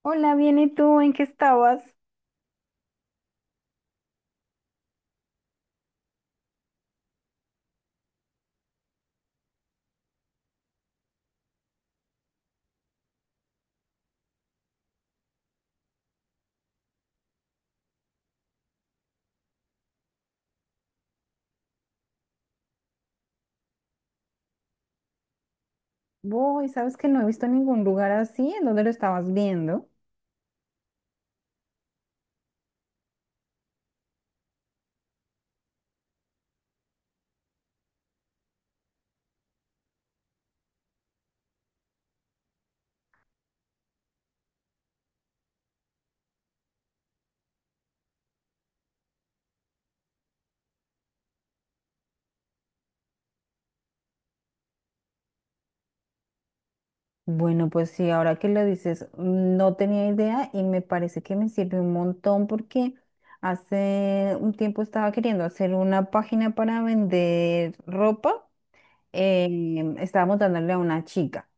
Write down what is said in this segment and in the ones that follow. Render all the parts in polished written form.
Hola, bien, ¿y tú en qué estabas? Voy, sabes que no he visto ningún lugar así, ¿en dónde lo estabas viendo? Bueno, pues sí, ahora que lo dices, no tenía idea y me parece que me sirve un montón porque hace un tiempo estaba queriendo hacer una página para vender ropa. Estaba montándole a una chica.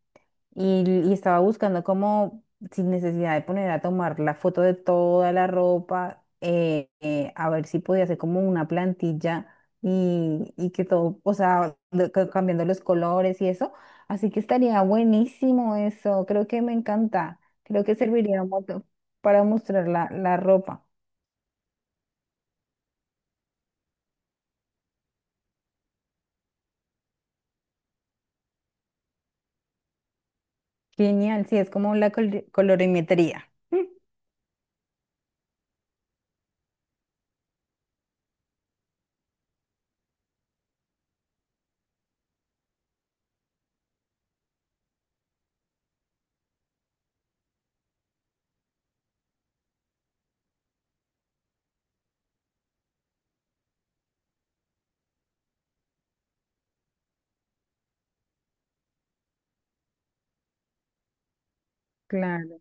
Y, y estaba buscando como, sin necesidad de poner a tomar la foto de toda la ropa, a ver si podía hacer como una plantilla y que todo, o sea, cambiando los colores y eso. Así que estaría buenísimo eso. Creo que me encanta. Creo que serviría mucho para mostrar la ropa. Genial, sí, es como la colorimetría. Claro.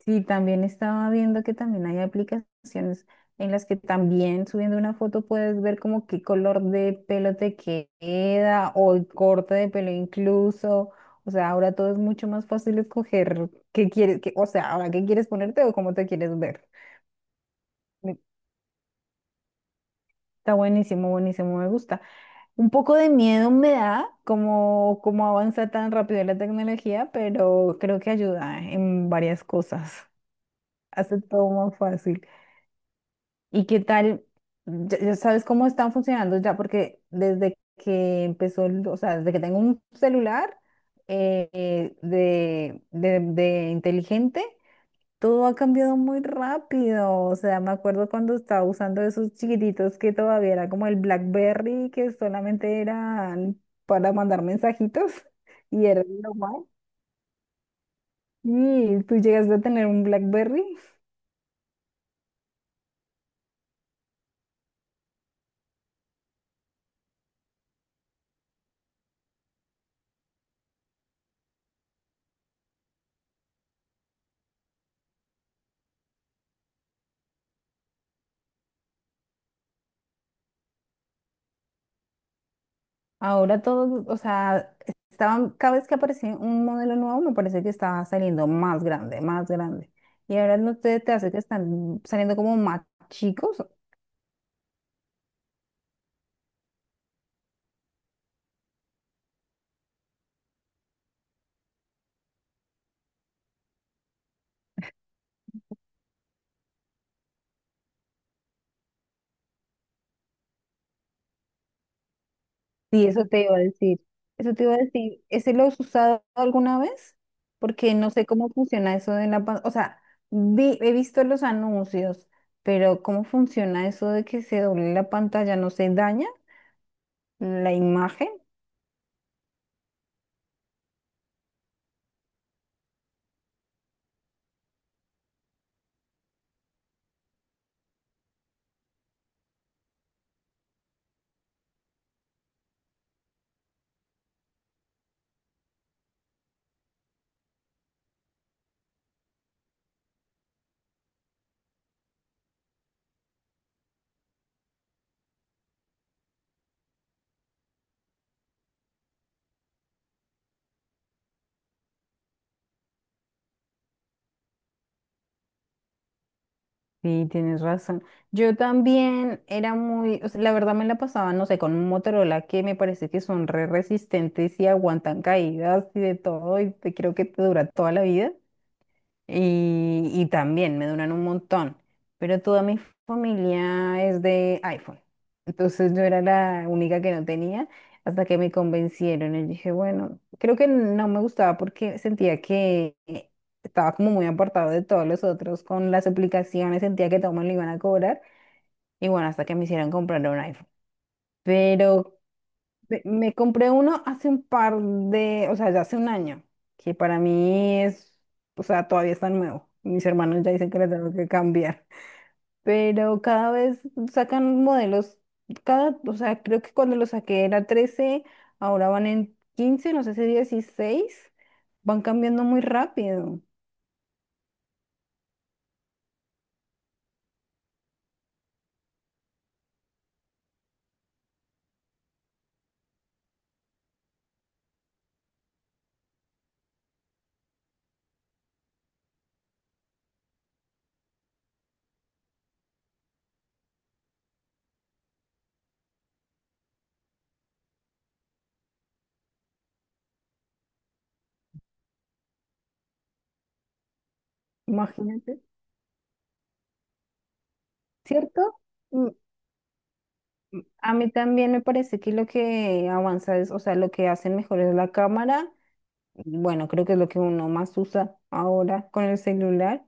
Sí, también estaba viendo que también hay aplicaciones en las que también subiendo una foto puedes ver como qué color de pelo te queda o el corte de pelo incluso. O sea, ahora todo es mucho más fácil escoger qué quieres, o sea, ahora qué quieres ponerte o cómo te quieres ver. Me- Está buenísimo, buenísimo, me gusta. Un poco de miedo me da como avanza tan rápido la tecnología, pero creo que ayuda en varias cosas. Hace todo más fácil. ¿Y qué tal? Ya sabes cómo están funcionando ya, porque desde que empezó, o sea, desde que tengo un celular de inteligente, todo ha cambiado muy rápido. O sea, me acuerdo cuando estaba usando esos chiquititos que todavía era como el BlackBerry, que solamente eran para mandar mensajitos y era normal. Y tú llegaste a tener un BlackBerry. Ahora todo, o sea, estaban, cada vez que aparecía un modelo nuevo, me parece que estaba saliendo más grande, más grande. Y ahora no te hace que están saliendo como más chicos. Sí, eso te iba a decir. Eso te iba a decir. ¿Ese lo has usado alguna vez? Porque no sé cómo funciona eso o sea, he visto los anuncios, pero ¿cómo funciona eso de que se doble la pantalla? ¿No se daña la imagen? Sí, tienes razón. Yo también era muy, o sea, la verdad me la pasaba, no sé, con un Motorola que me parece que son re resistentes y aguantan caídas y de todo, y creo que te dura toda la vida y también me duran un montón, pero toda mi familia es de iPhone. Entonces yo era la única que no tenía hasta que me convencieron. Y dije, bueno, creo que no me gustaba porque sentía que estaba como muy apartado de todos los otros con las aplicaciones, sentía que todo me lo iban a cobrar. Y bueno, hasta que me hicieron comprar un iPhone. Pero me compré uno hace un par de, o sea, ya hace un año, que para mí es, o sea, todavía está nuevo. Mis hermanos ya dicen que lo tengo que cambiar. Pero cada vez sacan modelos, cada, o sea, creo que cuando lo saqué era 13, ahora van en 15, no sé si 16, van cambiando muy rápido, imagínate, ¿cierto? Mm, A mí también me parece que lo que avanza es, o sea, lo que hacen mejor es la cámara, bueno, creo que es lo que uno más usa ahora con el celular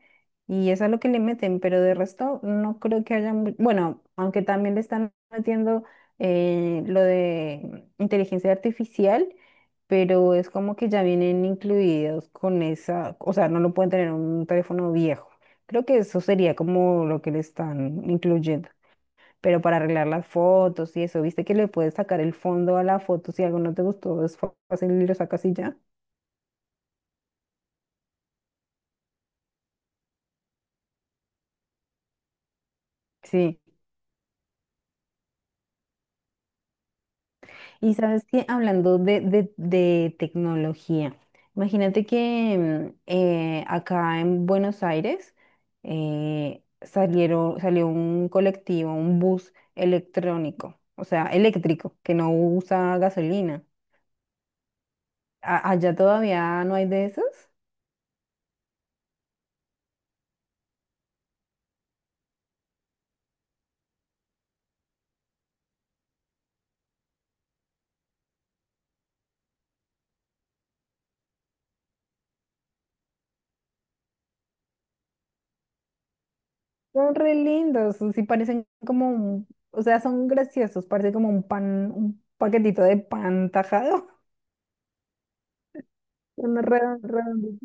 y eso es lo que le meten, pero de resto no creo que haya, bueno, aunque también le están metiendo lo de inteligencia artificial, pero es como que ya vienen incluidos con esa, o sea, no lo pueden tener en un teléfono viejo. Creo que eso sería como lo que le están incluyendo. Pero para arreglar las fotos y eso, viste que le puedes sacar el fondo a la foto si algo no te gustó, es fácil y lo sacas y ya. Sí. Y sabes que hablando de tecnología, imagínate que acá en Buenos Aires salió un colectivo, un bus electrónico, o sea, eléctrico, que no usa gasolina. Allá todavía no hay de esos. Son re lindos, sí parecen como un, o sea, son graciosos, parece como un pan, un paquetito de pan tajado. Son redondos.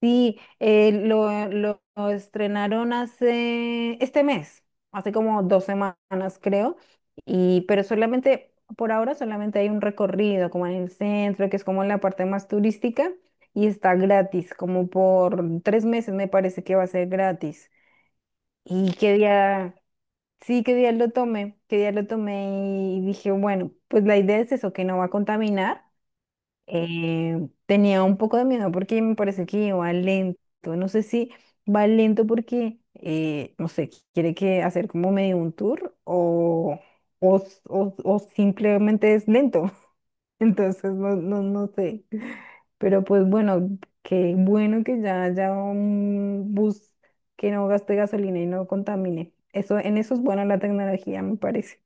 Sí, lo estrenaron hace este mes, hace como 2 semanas creo, y pero solamente, por ahora solamente hay un recorrido como en el centro, que es como la parte más turística, y está gratis, como por 3 meses me parece que va a ser gratis. Y qué día, sí, qué día lo tomé, qué día lo tomé y dije, bueno, pues la idea es eso, que no va a contaminar. Tenía un poco de miedo porque me parece que va lento. No sé si va lento porque, no sé, quiere que hacer como medio un tour o, o simplemente es lento. Entonces, no, no, no sé. Pero pues bueno, qué bueno que ya haya un bus que no gaste gasolina y no contamine. Eso, en eso es buena la tecnología, me parece.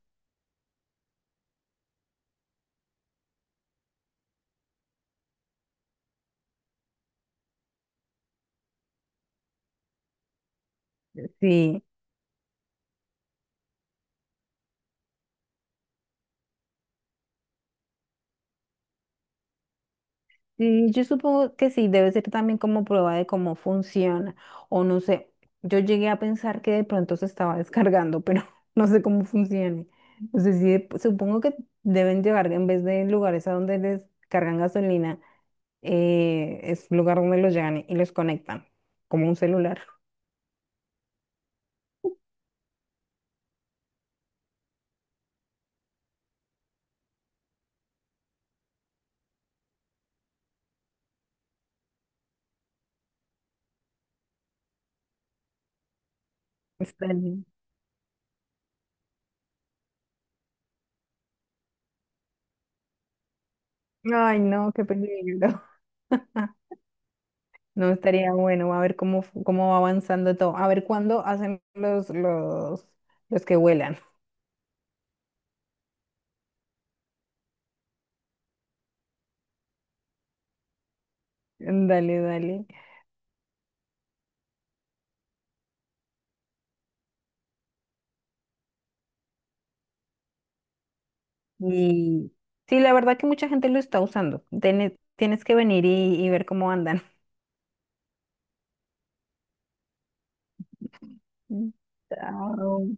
Sí. Yo supongo que sí, debe ser también como prueba de cómo funciona, o no sé, yo llegué a pensar que de pronto se estaba descargando, pero no sé cómo funcione. No sé si supongo que deben llegar en vez de lugares a donde les cargan gasolina, es lugar donde los llegan y los conectan, como un celular. Estaría- Ay, no, qué peligro. No estaría bueno. A ver cómo va avanzando todo. A ver cuándo hacen los que vuelan. Dale, dale. Y sí, la verdad que mucha gente lo está usando. Tienes que venir y ver cómo andan. Chao.